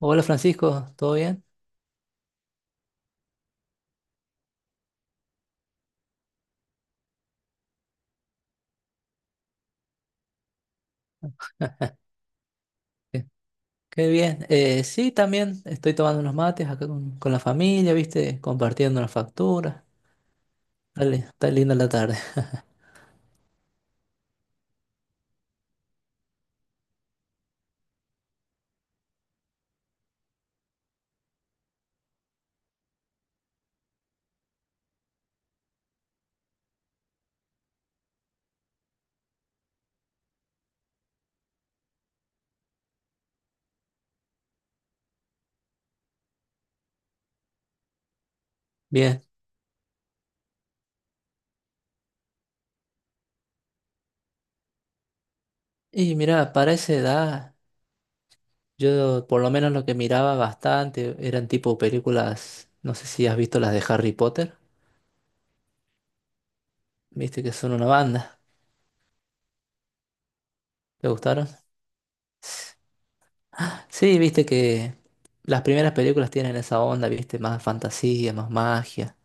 Hola Francisco, ¿todo bien? Ah, qué qué bien. Sí, también estoy tomando unos mates acá con la familia, ¿viste? Compartiendo las facturas. Dale, está linda la tarde. Bien. Y mira, para esa edad, yo por lo menos lo que miraba bastante eran tipo películas, no sé si has visto las de Harry Potter, ¿viste? Que son una banda. ¿Te gustaron? Sí, viste que las primeras películas tienen esa onda, ¿viste? Más fantasía, más magia.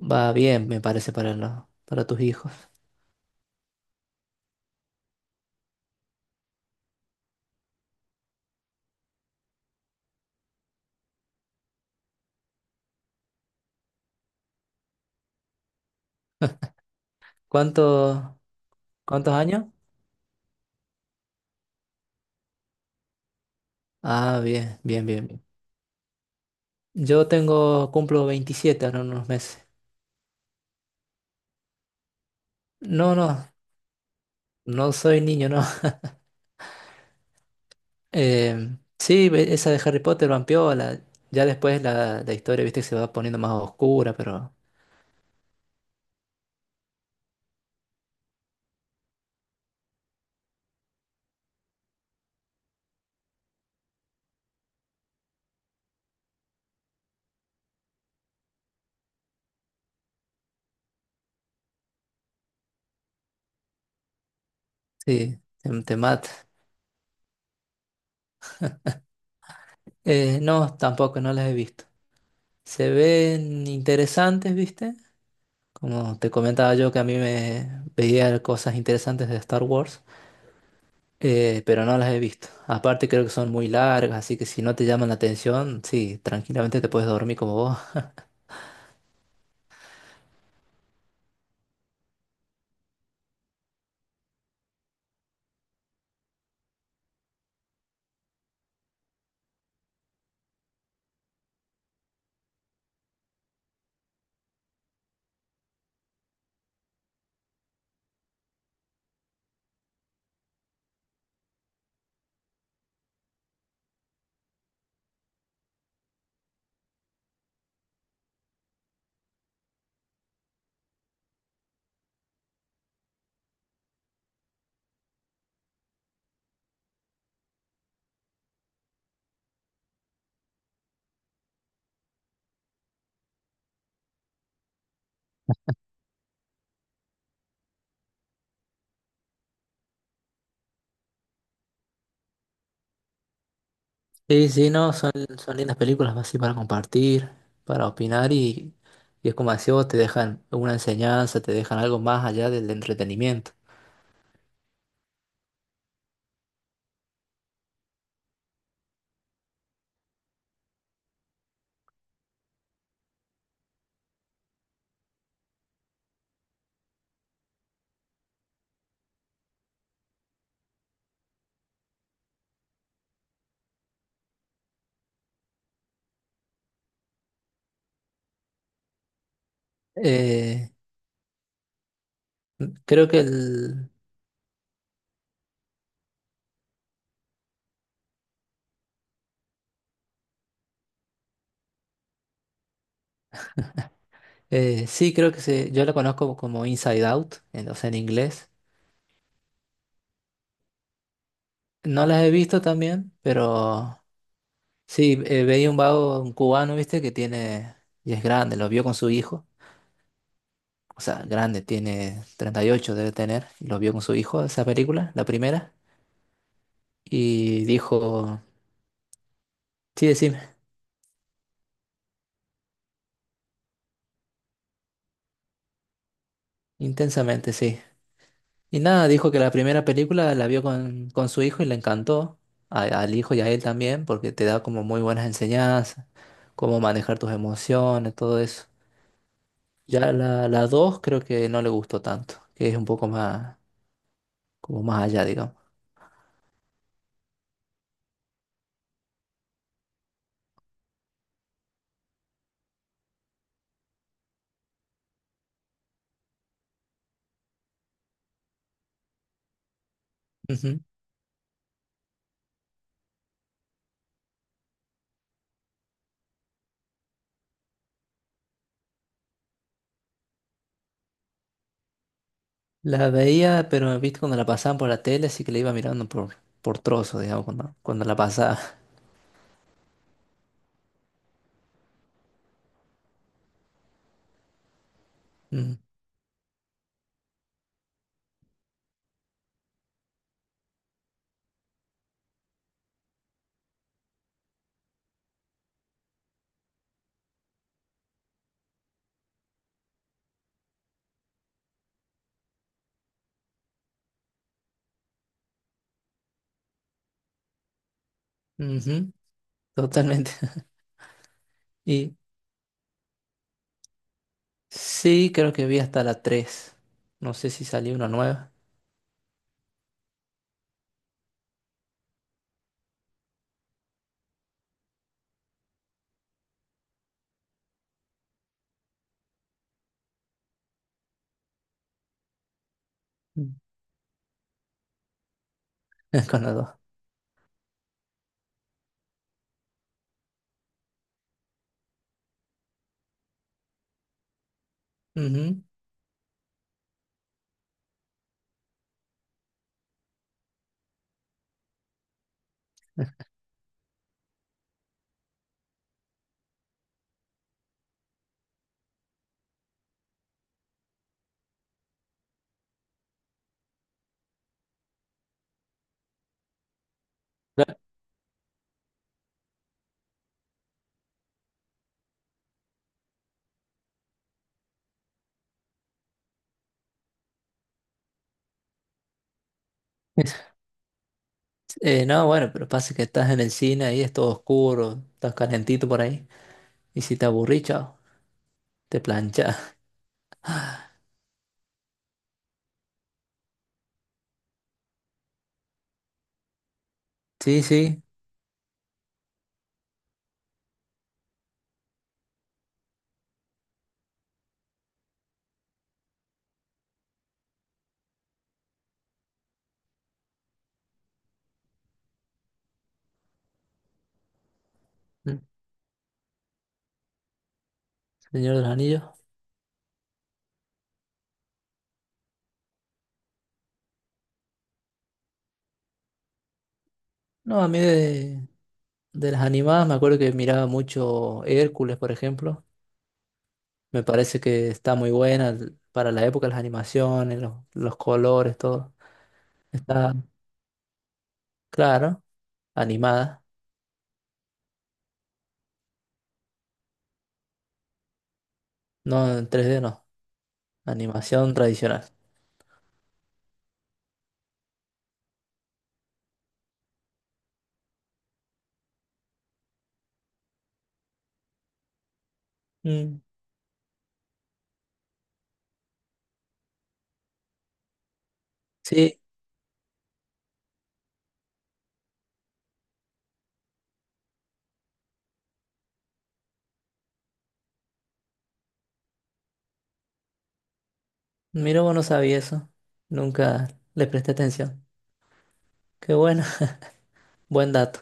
Va bien, me parece, para, para tus hijos. ¿Cuántos, ¿Cuántos años? Ah, bien, bien, bien, bien. Yo tengo, cumplo 27 ahora en unos meses. No, no, no soy niño, no. Sí, esa de Harry Potter, Vampiola. Ya después la historia, viste, se va poniendo más oscura, pero sí, te mata. No, tampoco, no las he visto. Se ven interesantes, viste. Como te comentaba yo que a mí me veía cosas interesantes de Star Wars. Pero no las he visto. Aparte creo que son muy largas, así que si no te llaman la atención, sí, tranquilamente te puedes dormir como vos. Sí, sí, no, son, son lindas películas así para compartir, para opinar y es como decís vos, te dejan una enseñanza, te dejan algo más allá del entretenimiento. Eh, creo que el, sí, creo que se, yo la conozco como Inside Out, en, o sea, en inglés. No las he visto también, pero sí, veía un vago, un cubano, viste, que tiene, y es grande, lo vio con su hijo, o sea, grande, tiene 38 debe tener, y lo vio con su hijo, esa película, la primera, y dijo, sí, decime, intensamente, sí. Y nada, dijo que la primera película la vio con su hijo y le encantó, al hijo y a él también, porque te da como muy buenas enseñanzas, cómo manejar tus emociones, todo eso. Ya la dos creo que no le gustó tanto, que es un poco más, como más allá, digamos. La veía, pero viste cuando la pasaban por la tele, así que la iba mirando por trozos, digamos, cuando la pasaba. Mm, ujú, totalmente. Y sí, creo que vi hasta la tres. No sé si salió una nueva. Mm. Con la dos. Ujú. Claro. No, bueno, pero pasa que estás en el cine ahí, es todo oscuro, estás calentito por ahí. Y si te aburrís, chao, te planchas. Sí, sí, mm, Señor de los Anillos. No, de las animadas me acuerdo que miraba mucho Hércules, por ejemplo. Me parece que está muy buena para la época, las animaciones, los colores, todo. Está, claro, animada. No en 3D, no. Animación tradicional. Mm, sí, mira, vos no sabía eso. Nunca le presté atención. Qué bueno, buen dato.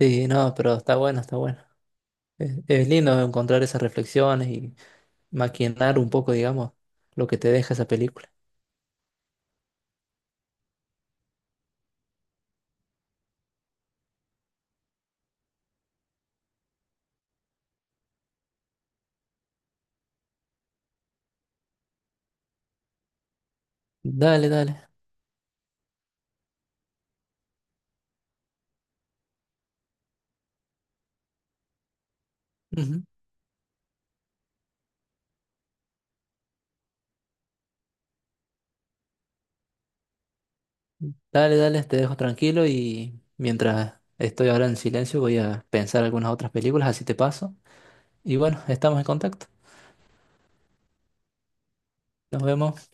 Sí, no, pero está bueno, está bueno. Es lindo encontrar esas reflexiones y maquinar un poco, digamos, lo que te deja esa película. Dale, dale. Ujú. Dale, dale, te dejo tranquilo y mientras estoy ahora en silencio voy a pensar algunas otras películas, así te paso. Y bueno, estamos en contacto. Nos vemos.